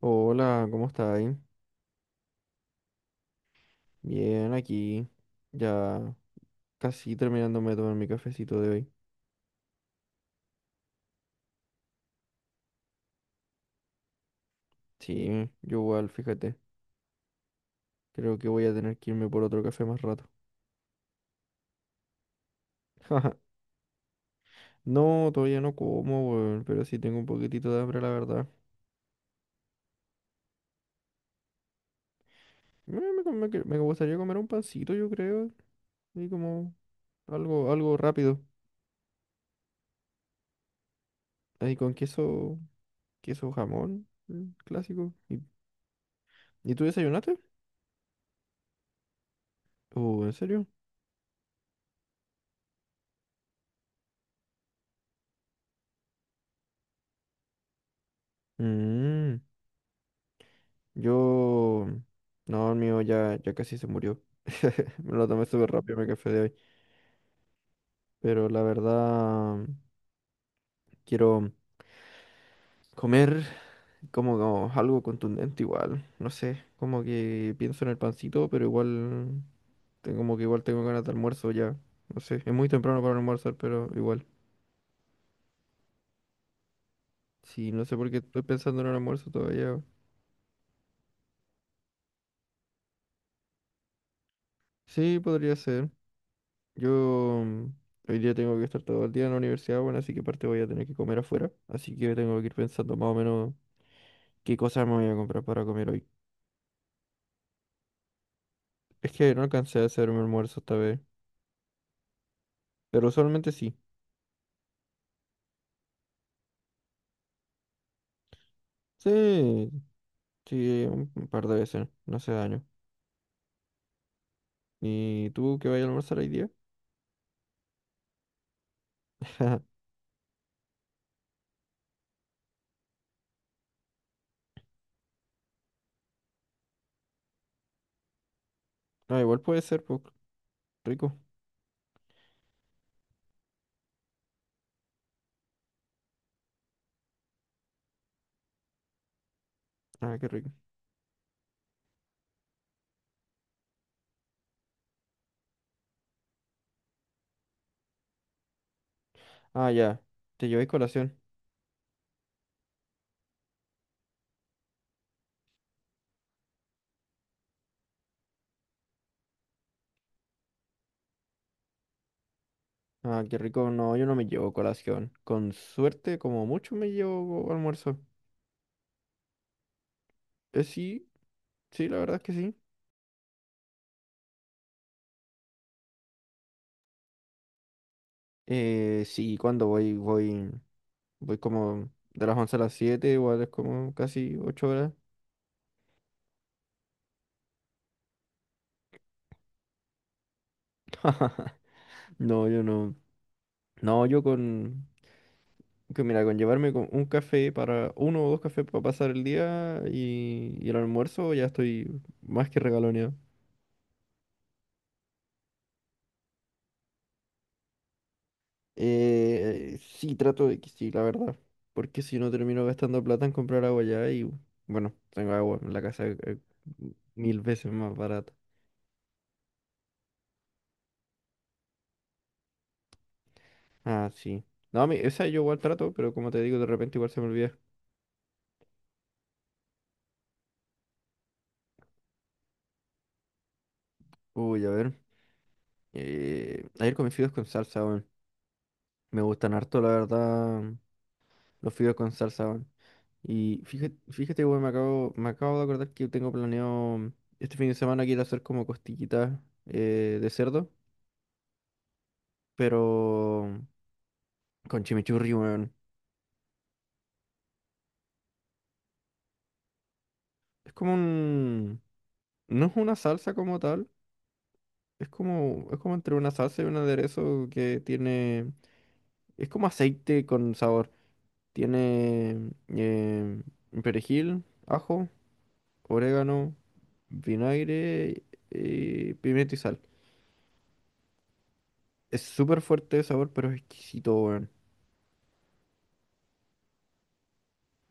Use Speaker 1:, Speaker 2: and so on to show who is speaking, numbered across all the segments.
Speaker 1: Hola, ¿cómo estáis? Bien, aquí. Ya casi terminándome de tomar mi cafecito de hoy. Sí, yo igual, fíjate. Creo que voy a tener que irme por otro café más rato. No, todavía no como, weón, pero sí tengo un poquitito de hambre, la verdad. Me gustaría comer un pancito, yo creo. Y como algo, algo rápido. Ahí con queso, queso jamón, mm, clásico. Y tú desayunaste? ¿En serio? Mmm. Yo, no, el mío ya, casi se murió. Me lo tomé súper rápido mi café de hoy. Pero la verdad, quiero comer como, como algo contundente igual. No sé, como que pienso en el pancito, pero igual, tengo, como que igual tengo ganas de almuerzo ya. No sé, es muy temprano para almorzar, pero igual. Sí, no sé por qué estoy pensando en el almuerzo todavía. Sí, podría ser. Yo hoy día tengo que estar todo el día en la universidad, bueno, así que aparte voy a tener que comer afuera. Así que tengo que ir pensando más o menos qué cosas me voy a comprar para comer hoy. Es que no alcancé a hacer mi almuerzo esta vez, pero usualmente sí. Sí, sí, un par de veces, no hace daño. ¿Y tú qué vayas a almorzar hoy día? No, igual puede ser, pues, rico. Ah, qué rico. Ah, ya, te llevé colación. Ah, qué rico. No, yo no me llevo colación. Con suerte, como mucho me llevo almuerzo. Sí, sí, la verdad es que sí. Sí, cuando voy, como de las 11 a las siete, igual es como casi 8 horas. No, yo no. No, yo con, que mira, con llevarme con un café para, uno o dos cafés para pasar el día y el almuerzo, ya estoy más que regaloneado. Sí, trato de que sí, la verdad. Porque si no termino gastando plata en comprar agua ya y, bueno, tengo agua en la casa mil veces más barata. Ah, sí. No, a mí, esa yo igual trato, pero como te digo, de repente igual se me olvida. Uy, a ver. Ayer comí fideos con salsa, weón. Me gustan harto, la verdad, mm, los fideos con salsa, weón. Y fíjate, fíjate, weón, me acabo de acordar que tengo planeado este fin de semana quiero hacer como costillitas de cerdo, pero con chimichurri, weón. Es como un... No es una salsa como tal, es como entre una salsa y un aderezo que tiene... Es como aceite con sabor. Tiene eh, perejil, ajo, orégano, vinagre, pimienta y sal. Es súper fuerte de sabor, pero es exquisito, weón.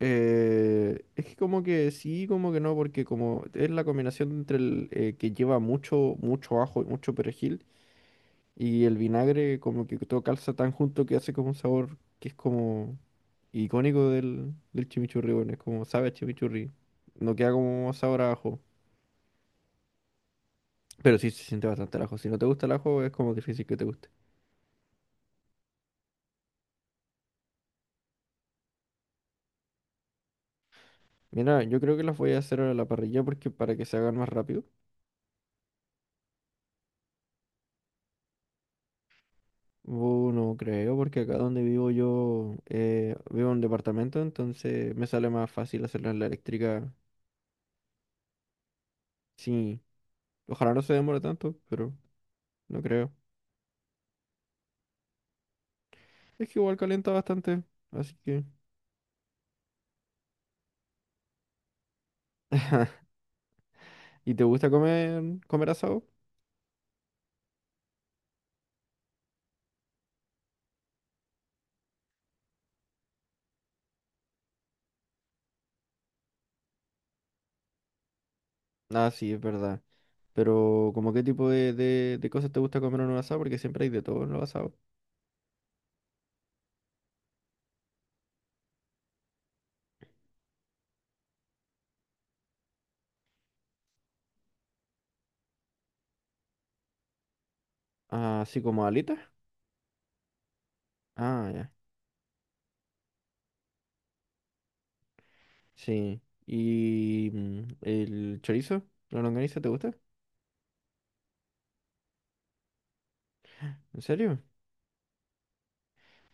Speaker 1: Es que como que sí, como que no, porque como es la combinación entre el que lleva mucho, mucho ajo y mucho perejil y el vinagre, como que todo calza tan junto que hace como un sabor que es como icónico del, del chimichurri, bueno, es como sabe a chimichurri, no queda como sabor a ajo, pero sí se siente bastante el ajo. Si no te gusta el ajo, es como difícil que te guste. Mira, yo creo que las voy a hacer a la parrilla porque para que se hagan más rápido. No creo, porque acá donde vivo yo vivo en un departamento, entonces me sale más fácil hacerlas en la eléctrica. Sí, ojalá no se demore tanto, pero no creo. Es que igual calienta bastante, así que... ¿Y te gusta comer, comer asado? Ah, sí, es verdad. Pero, ¿como qué tipo de cosas te gusta comer en un asado? Porque siempre hay de todo en los asados. Ah, así como alitas. Ah, ya. Sí. ¿Y el chorizo? ¿La longaniza te gusta? ¿En serio?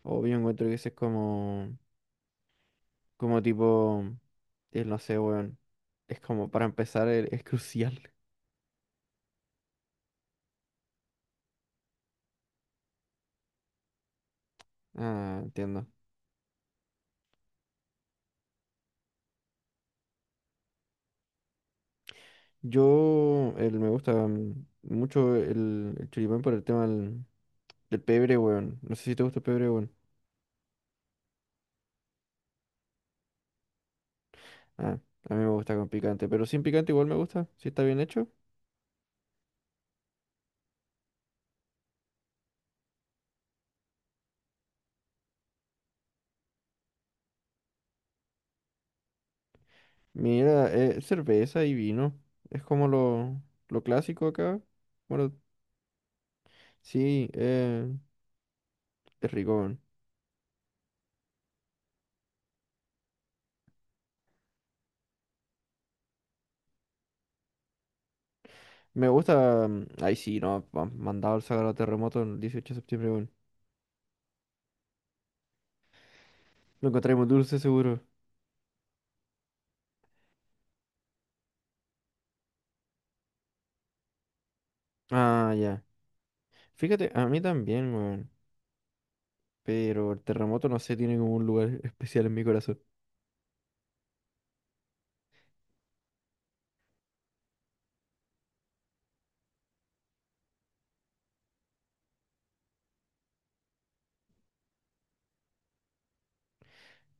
Speaker 1: O yo encuentro que ese es como, como tipo, no sé, weón. Es como, para empezar, es crucial. Ah, entiendo. Yo, el, me gusta mucho el choripán por el tema del, del pebre, weón. No sé si te gusta el pebre, weón. Ah, a mí me gusta con picante, pero sin picante igual me gusta, si está bien hecho. Mira, cerveza y vino. Es como lo clásico acá. Bueno, sí, es rico, weón. Me gusta. Ay, sí, no, mandado el sagrado terremoto el 18 de septiembre, weón. Lo encontré muy dulce, seguro. Ah, ya. Fíjate, a mí también, weón. Pero el terremoto, no sé, tiene como un lugar especial en mi corazón.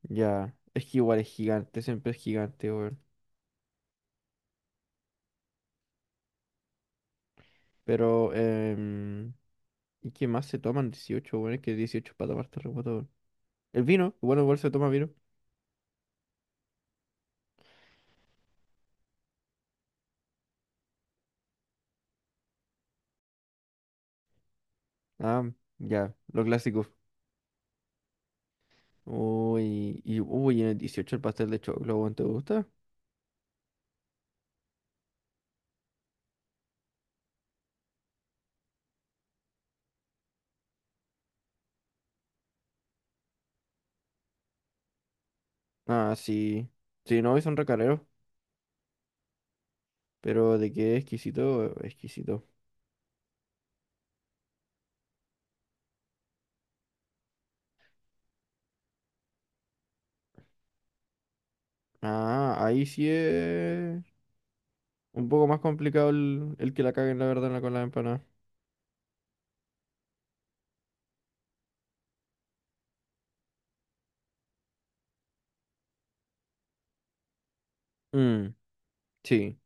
Speaker 1: Ya. Es que igual es gigante, siempre es gigante, weón. Pero, ¿y qué más se toman dieciocho, weón? Es que 18 para tomar terremoto, weón. El vino, bueno, igual se toma vino. Ah, ya, lo clásico. Uy, y uy, en el 18 el pastel de choclo, weón, ¿te gusta? Ah, sí. Sí, no, y son recareros. Pero de qué exquisito, exquisito. Ah, ahí sí es un poco más complicado el que la caguen, la verdad, en la- con la empanada. Mm, sí.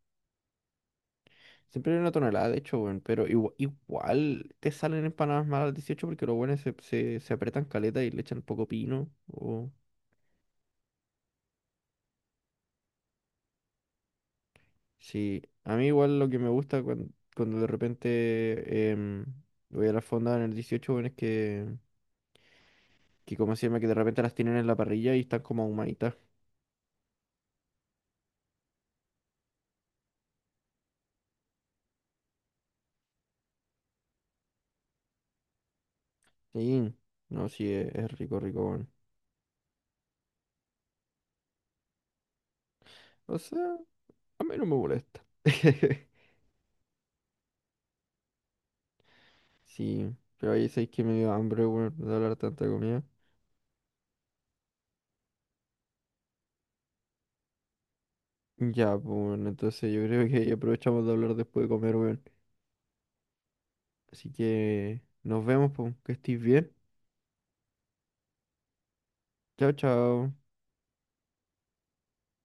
Speaker 1: Siempre hay una tonelada, de hecho, weón. Pero igual, te salen empanadas malas al 18 porque los buenos se, se, se apretan caleta y le echan poco pino. O sí, a mí igual lo que me gusta cuando, cuando de repente voy a la fonda en el dieciocho, bueno, es que, ¿cómo se llama? Que de repente las tienen en la parrilla y están como ahumaditas. Sí, no, sí, es rico, rico, bueno. O sea, a mí no me molesta. Sí, pero ahí sabéis que me dio hambre, bueno, de hablar tanta comida. Ya, pues, bueno, entonces yo creo que aprovechamos de hablar después de comer, bueno. Así que nos vemos, pues, que estés bien. Chao, chao.